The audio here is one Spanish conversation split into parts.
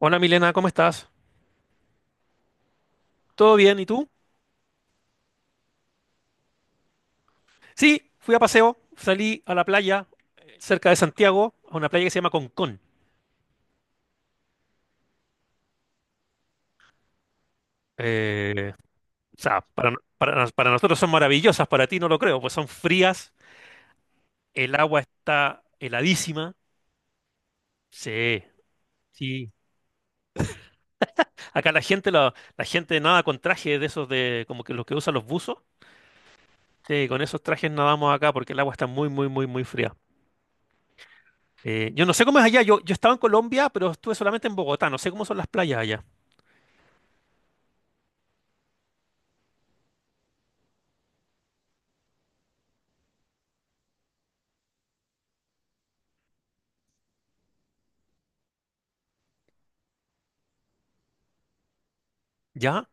Hola Milena, ¿cómo estás? ¿Todo bien? ¿Y tú? Sí, fui a paseo, salí a la playa cerca de Santiago, a una playa que se llama Concón. Eh, o sea, para nosotros son maravillosas, para ti no lo creo, pues son frías, el agua está heladísima. Sí, sí. Acá la gente, la gente nada con trajes de esos de como que los que usan los buzos. Sí, con esos trajes nadamos acá porque el agua está muy, muy, muy, muy fría. Yo no sé cómo es allá, yo estaba en Colombia, pero estuve solamente en Bogotá, no sé cómo son las playas allá. ¿Ya?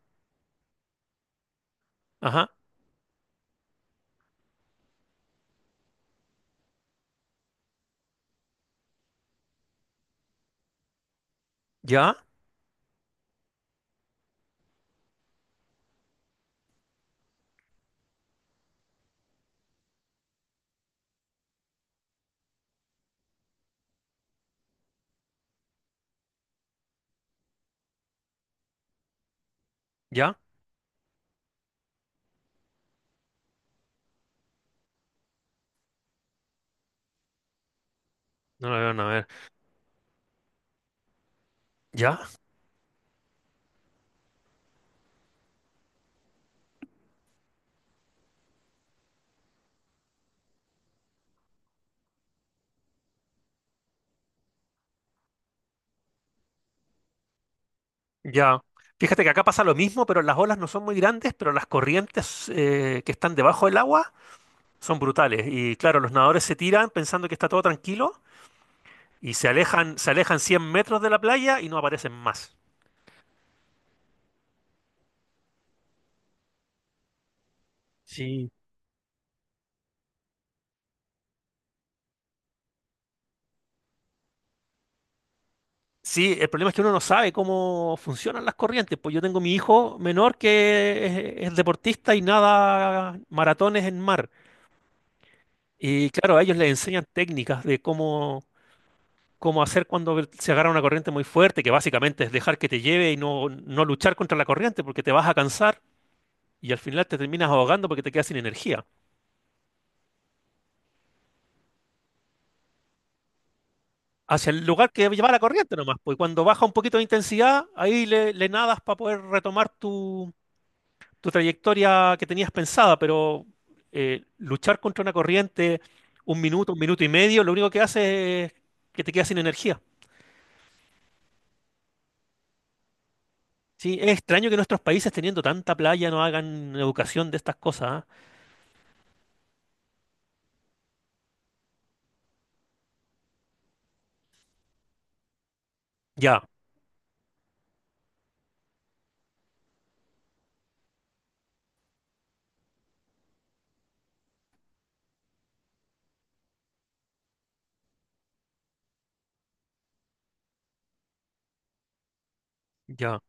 Ajá, ya, ya, no lo veo, a ver, ya, ya. Fíjate que acá pasa lo mismo, pero las olas no son muy grandes, pero las corrientes que están debajo del agua son brutales. Y claro, los nadadores se tiran pensando que está todo tranquilo y se alejan 100 metros de la playa y no aparecen más. Sí. Sí, el problema es que uno no sabe cómo funcionan las corrientes. Pues yo tengo mi hijo menor que es deportista y nada maratones en mar. Y claro, a ellos les enseñan técnicas de cómo, como hacer cuando se agarra una corriente muy fuerte, que básicamente es dejar que te lleve y no, no luchar contra la corriente porque te vas a cansar y al final te terminas ahogando porque te quedas sin energía. Hacia el lugar que lleva la corriente nomás, pues cuando baja un poquito de intensidad, ahí le nadas para poder retomar tu trayectoria que tenías pensada, pero luchar contra una corriente un minuto y medio, lo único que hace es que te quedas sin energía. Sí, es extraño que nuestros países teniendo tanta playa no hagan educación de estas cosas, ¿ah? Ya, ya.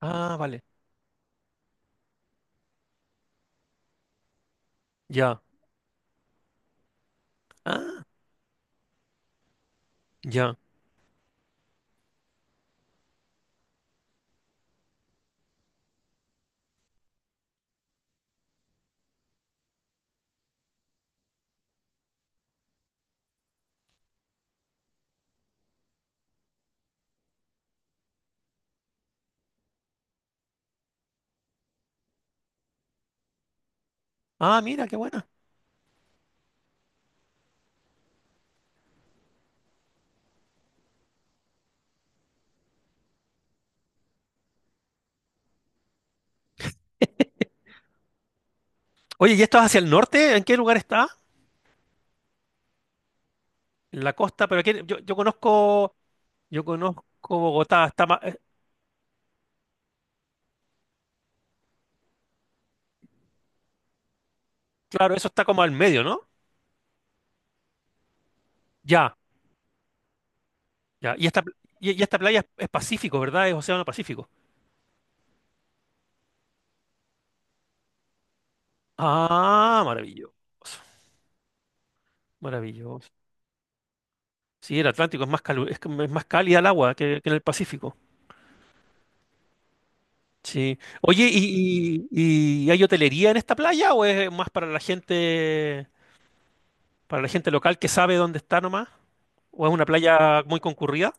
Ah, vale. Ya. Ah, ya. Ah, mira, qué buena. Oye, ¿y esto es hacia el norte? ¿En qué lugar está? En la costa, pero aquí, yo conozco Bogotá. Está claro, eso está como al medio, ¿no? Ya, ya. Y esta playa es Pacífico, ¿verdad? Es Océano Pacífico. Ah, maravilloso. Maravilloso. Sí, el Atlántico es más que es más cálida el agua que en el Pacífico. Sí. Oye, ¿y hay hotelería en esta playa o es más para la gente? Para la gente local que sabe dónde está nomás, o es una playa muy concurrida,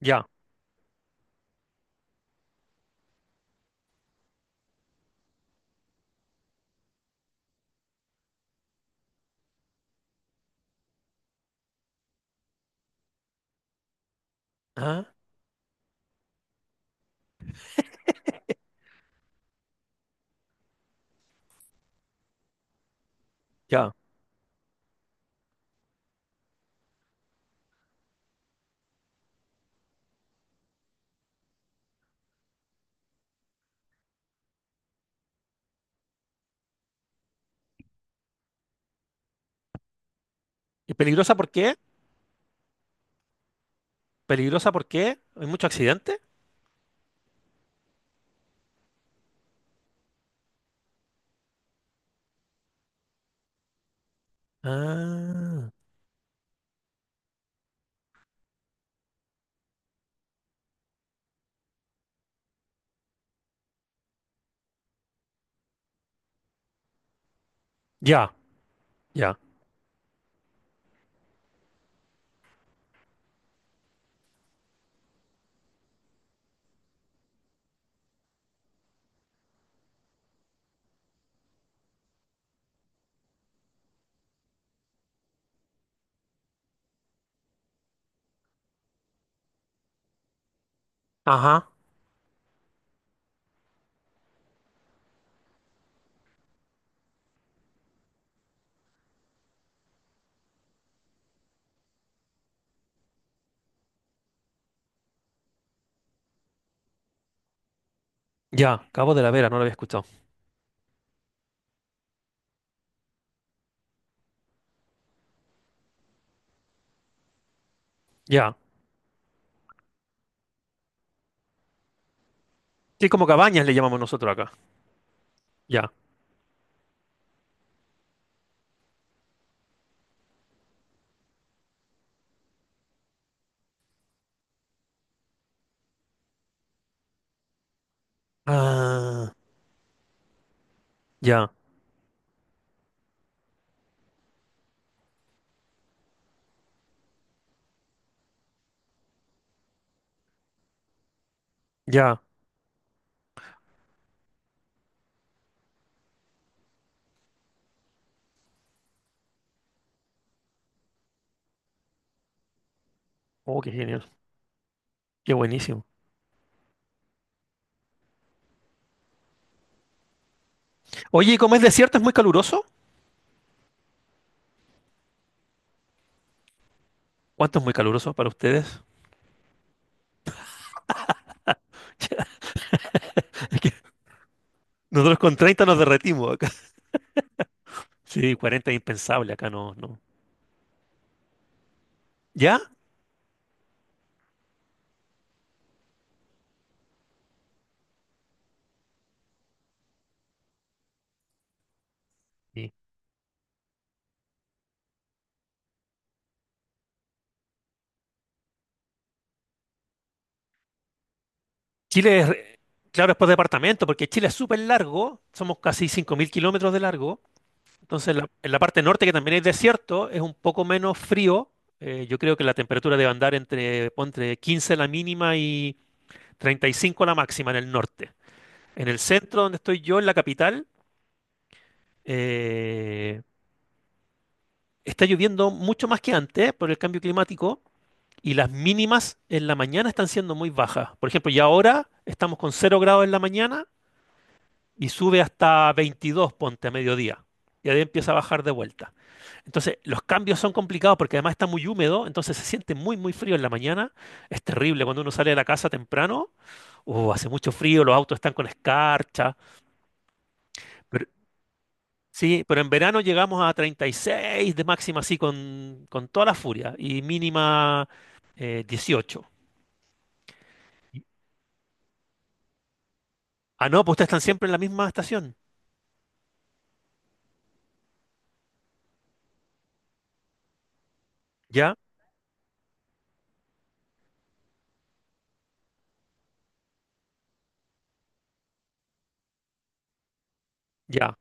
ya. Ah, ya. ¿Y peligrosa por qué? ¿Peligrosa por qué? ¿Hay mucho accidente? Ah, ya, ya. Ajá, ya. Cabo de la Vera, no lo había escuchado. Ya. Sí, como cabañas le llamamos nosotros acá. Ya. Ah, ya, ya. Oh, qué genial. Qué buenísimo. Oye, ¿y como es desierto, es muy caluroso? ¿Cuánto es muy caluroso para ustedes? Es que nosotros con 30 nos derretimos acá. Sí, 40, es impensable acá, no, no. ¿Ya? Sí. Chile claro, es por departamento, porque Chile es súper largo, somos casi 5000 kilómetros de largo, entonces en la parte norte, que también hay desierto, es un poco menos frío, yo creo que la temperatura debe andar entre 15 la mínima y 35 la máxima en el norte. En el centro, donde estoy yo, en la capital, eh, está lloviendo mucho más que antes por el cambio climático y las mínimas en la mañana están siendo muy bajas. Por ejemplo, ya ahora estamos con 0 grados en la mañana y sube hasta 22, ponte a mediodía. Y ahí empieza a bajar de vuelta. Entonces, los cambios son complicados porque además está muy húmedo, entonces se siente muy, muy frío en la mañana. Es terrible cuando uno sale de la casa temprano. Hace mucho frío, los autos están con escarcha. Pero, sí, pero en verano llegamos a 36 de máxima, así con toda la furia, y mínima 18. Ah, no, pues ustedes están siempre en la misma estación. ¿Ya? Ya.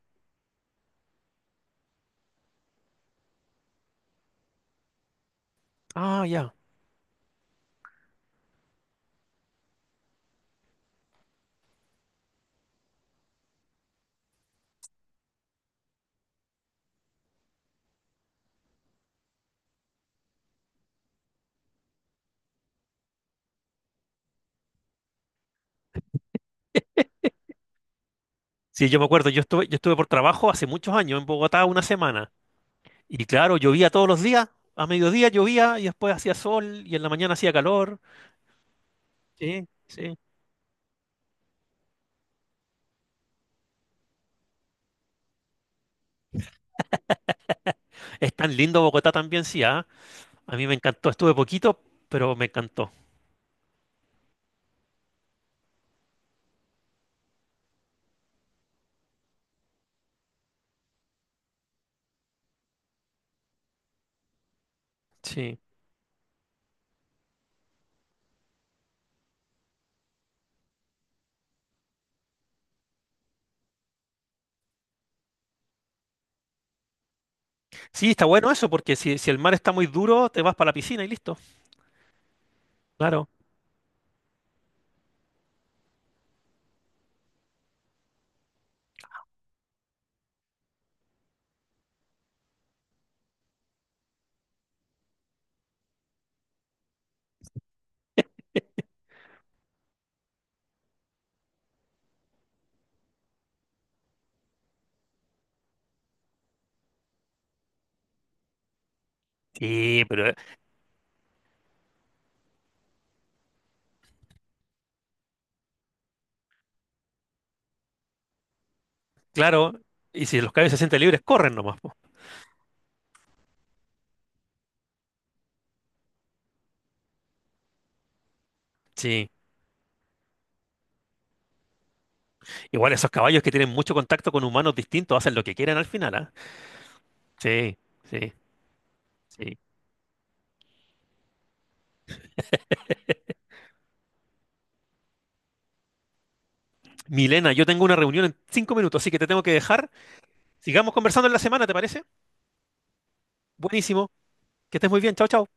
Ah, ya. Sí, yo me acuerdo, yo estuve por trabajo hace muchos años en Bogotá una semana. Y claro, llovía todos los días, a mediodía llovía y después hacía sol y en la mañana hacía calor. Sí, sí. Es tan lindo Bogotá también, sí, ¿ah? A mí me encantó, estuve poquito, pero me encantó. Sí. Sí, está bueno eso, porque si, si el mar está muy duro, te vas para la piscina y listo. Claro. Sí, pero claro, y si los caballos se sienten libres, corren nomás, po. Sí. Igual esos caballos que tienen mucho contacto con humanos distintos hacen lo que quieran al final, ¿ah? Sí, sí, sí. Milena, yo tengo una reunión en 5 minutos, así que te tengo que dejar. Sigamos conversando en la semana, ¿te parece? Buenísimo. Que estés muy bien. Chao, chao.